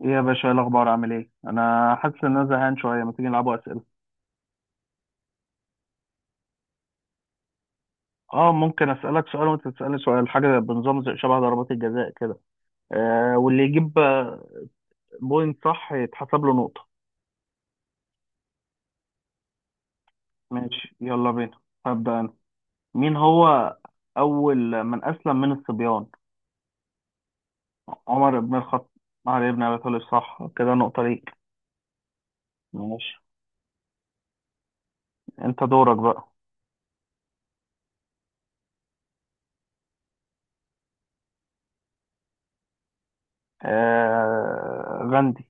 ايه يا باشا، ايه الاخبار؟ عامل ايه؟ انا حاسس ان انا زهقان شويه. ما تيجي نلعبوا اسئله؟ اه، ممكن اسالك سؤال وانت تسالني سؤال، حاجه بنظام زي شبه ضربات الجزاء كده. واللي يجيب بوينت، صح، يتحسب له نقطه. ماشي، يلا بينا. هبدا انا. مين هو اول من اسلم من الصبيان؟ عمر بن الخطاب. علي بن ابي طالب، صح. كده نقطه ليك. ماشي. انت دورك بقى. غاندي.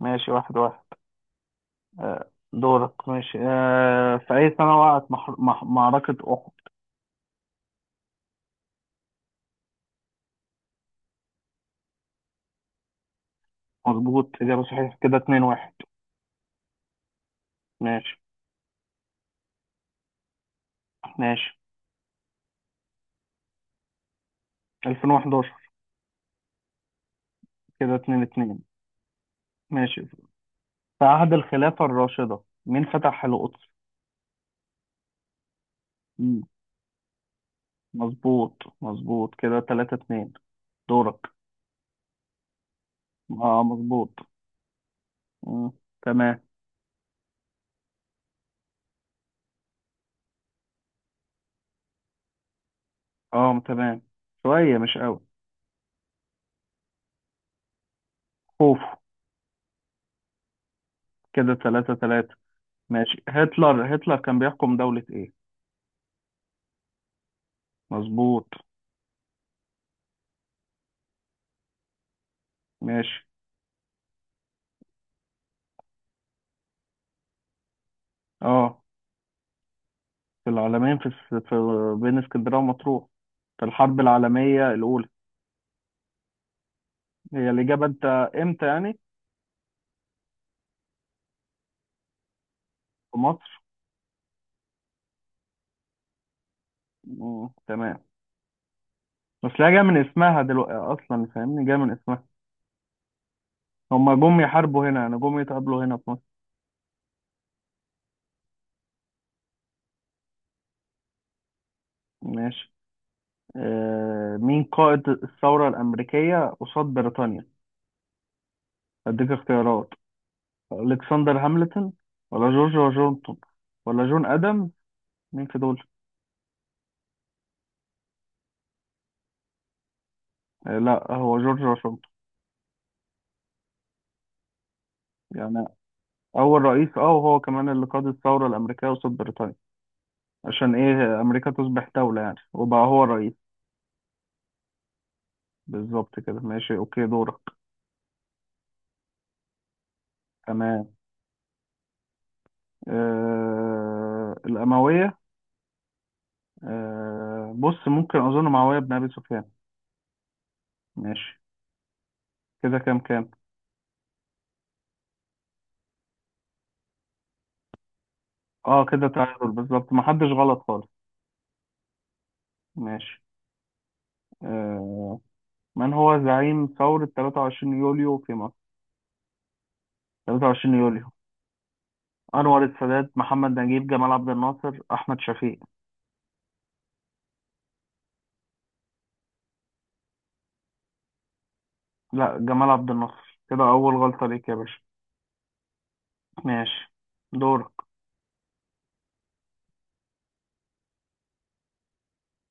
ماشي، واحد واحد. دورك. ماشي. في أي سنة وقعت معركة أحد؟ مظبوط، إجابة صحيحة. كده 2-1. ماشي، ماشي. 2011. كده 2-2. ماشي. في عهد الخلافة الراشدة، مين فتح القدس؟ مم، مظبوط. مظبوط، كده 3-2. دورك. اه، مظبوط. مم، تمام. اه، تمام، شوية مش قوي. خوف. كده 3-3. ماشي. هتلر، هتلر كان بيحكم دولة ايه؟ مظبوط. ماشي. اه، في العالمين، في بين اسكندرية ومطروح، في الحرب العالمية الأولى. هي الإجابة، أنت. إمتى يعني؟ في مصر. مم. تمام. بس لا، جاية من اسمها دلوقتي أصلا، فاهمني، جاية من اسمها. هما جم يحاربوا هنا، يعني جم يتقابلوا هنا في مصر. ماشي. مين قائد الثورة الأمريكية قصاد بريطانيا؟ أديك اختيارات. ألكسندر هاملتون، ولا جورج واشنطن، ولا جون آدمز، مين في دول؟ لا، هو جورج واشنطن. يعني أول رئيس، وهو كمان اللي قاد الثورة الأمريكية قصاد بريطانيا. عشان إيه أمريكا تصبح دولة يعني، وبقى هو الرئيس. بالظبط كده. ماشي، أوكي، دورك. تمام. الأموية. بص، ممكن أظن معاوية بن أبي سفيان. ماشي. كده كام كام؟ أه، كده تعادل بالظبط، محدش غلط خالص. ماشي. آه من هو زعيم ثورة 23 يوليو في مصر؟ 23 يوليو: أنور السادات، محمد نجيب، جمال عبد الناصر، أحمد شفيق؟ لا، جمال عبد الناصر. كده أول غلطة ليك يا باشا. ماشي. دورك.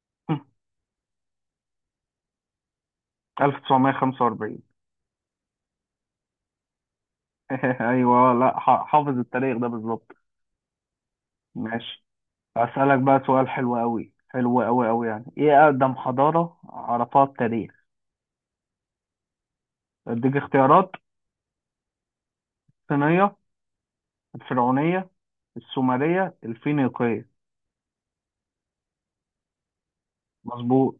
1945. أيوه، لا، حافظ التاريخ ده بالظبط. ماشي. أسألك بقى سؤال حلو أوي، حلو أوي أوي يعني، إيه أقدم حضارة عرفها التاريخ؟ أديك اختيارات. الصينية، الفرعونية، السومرية، الفينيقية؟ مظبوط.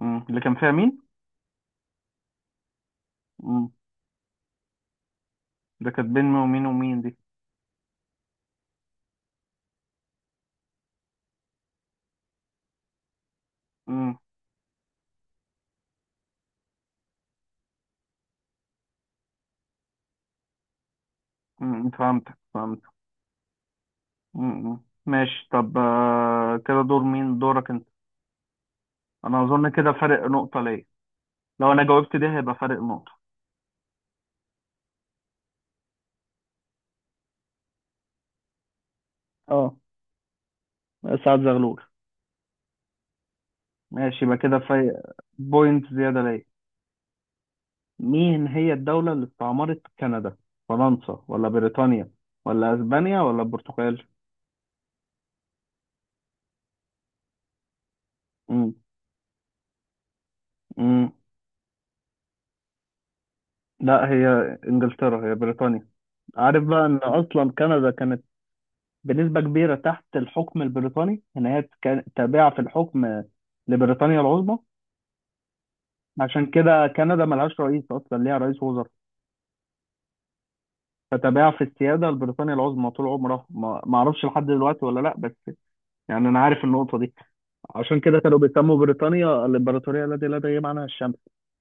مم. اللي كان فيها مين؟ مم. ده كانت بين مين ومين ومين دي؟ مم. فهمتك، فهمت. مم. مم. ماشي. طب كده دور مين؟ دورك. انا اظن كده فرق نقطة ليا. لو انا جاوبت دي هيبقى فرق نقطة. اه، سعد زغلول. ماشي، يبقى كده فرق. بوينت زيادة ليا. مين هي الدولة اللي استعمرت كندا؟ فرنسا ولا بريطانيا، ولا اسبانيا ولا البرتغال؟ امم امم لا، هي انجلترا، هي بريطانيا. عارف بقى ان اصلا كندا كانت بنسبة كبيرة تحت الحكم البريطاني، ان هي كانت تابعة في الحكم لبريطانيا العظمى. عشان كده كندا ملهاش رئيس، اصلا ليها رئيس وزراء. فتباع في السياده لبريطانيا العظمى طول عمرها، ما اعرفش لحد دلوقتي ولا لا بس. يعني انا عارف النقطه دي. عشان كده كانوا بيسموا بريطانيا الامبراطوريه التي لا تغيب عنها الشمس.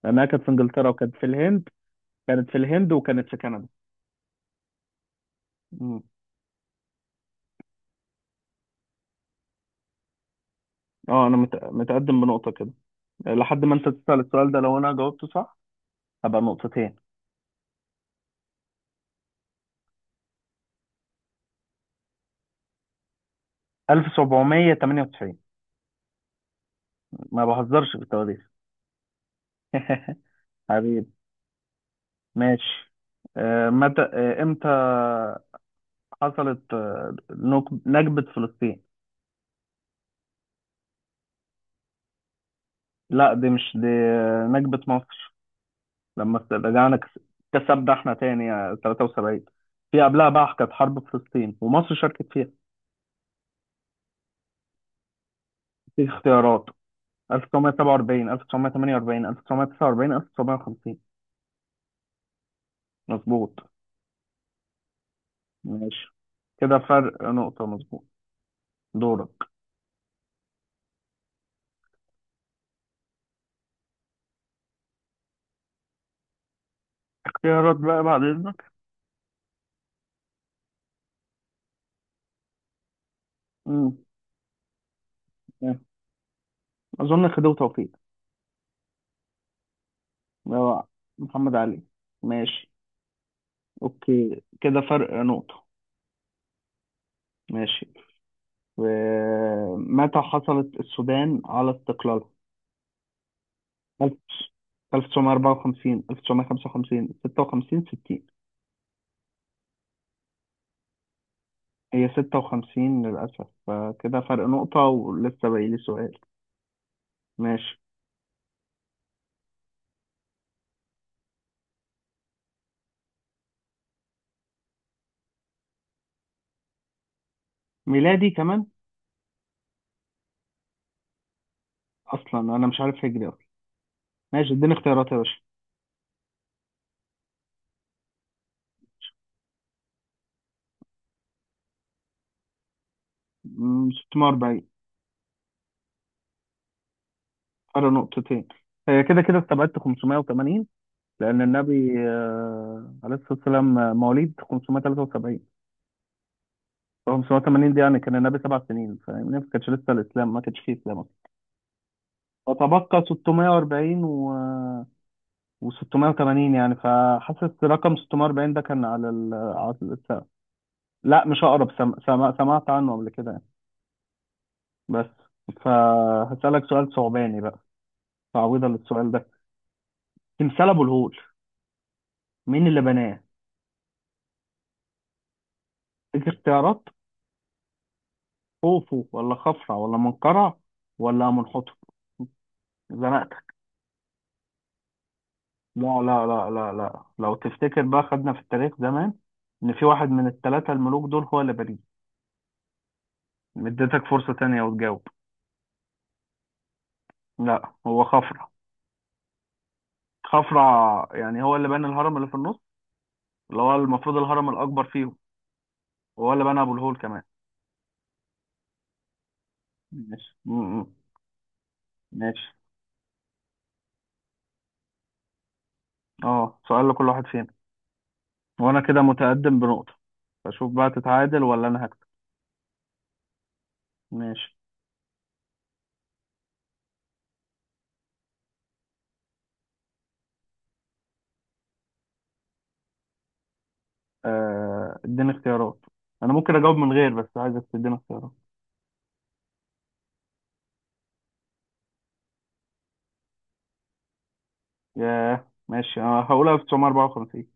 لانها كانت في انجلترا، وكانت في الهند. كانت في الهند، وكانت في كندا. مم. اه، انا متقدم بنقطه كده. لحد ما انت تسال السؤال ده، لو انا جاوبته صح هبقى نقطتين. 1798. ما بهزرش في التواريخ. حبيبي. ماشي. متى امتى حصلت نكبة فلسطين؟ لا، دي مش دي، نكبة مصر. لما رجعنا كسبنا احنا تاني، 73. في قبلها بقى كانت حرب فلسطين، ومصر شاركت فيها. في اختيارات. 1947، 1948، 1949، 1950؟ مظبوط. ماشي، كده فرق نقطة، مظبوط. دورك. اختيارات بقى بعد إذنك. مم. إيه. أظن خديوي توفيق. ده محمد علي. ماشي، أوكي، كده فرق نقطة. ماشي. ومتى حصلت السودان على استقلالها؟ 1954، 1955، 56، 60؟ هي 56 للأسف. فكده فرق نقطة، ولسه باقي لي سؤال. ماشي. ميلادي كمان. أصلا أنا مش عارف هجري أصلا. ماشي، اديني اختيارات يا باشا. 640. فرق نقطتين. هي كده كده استبعدت 580، لأن النبي، عليه الصلاة والسلام، مواليد 573. هو 580 دي يعني كان النبي 7 سنين، فاهمني، ما كانش لسه الاسلام، ما كانش فيه اسلام اصلا. فتبقى 640 و680 يعني، فحاسس رقم 640 ده كان على على السقف. لا، مش اقرب، سمعت عنه قبل كده يعني، بس. فهسألك سؤال ثعباني بقى، تعويضا للسؤال ده. تمثال ابو الهول، مين اللي بناه؟ اديك اختيارات. خوفو، ولا خفرع، ولا منقرع، ولا منحوتة؟ زنقتك. لا لا لا لا لا، لو تفتكر بقى، خدنا في التاريخ زمان ان في واحد من الثلاثة الملوك دول هو اللي بريء. اديتك فرصة تانية وتجاوب. لا، هو خفرع. خفرع يعني هو اللي بنى الهرم اللي في النص، اللي هو المفروض الهرم الأكبر فيهم. وهو اللي بنى أبو الهول كمان. ماشي. م- م. ماشي. اه، سؤال لكل واحد فينا. وانا كده متقدم بنقطة. فشوف بقى تتعادل ولا انا هكسب. ماشي. اديني اختيارات. انا ممكن اجاوب من غير، بس عايزك تديني اختيارات. ياه، ماشي. انا هقولها 1954.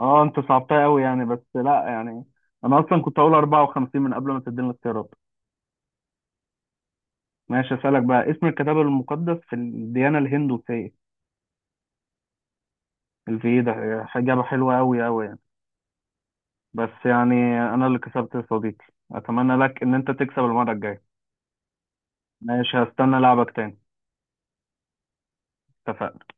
اه، انت صعبتها قوي يعني، بس لا يعني. انا اصلا كنت هقول 54 من قبل ما تديني الاختيارات. ماشي، اسالك بقى، اسم الكتاب المقدس في الديانه الهندوسيه؟ الفيدا. هي اجابه حلوه قوي قوي يعني، بس يعني، انا اللي كسبت يا صديقي. اتمنى لك ان انت تكسب المره الجايه. ماشي، هستنى لعبك تاني. اتفقنا.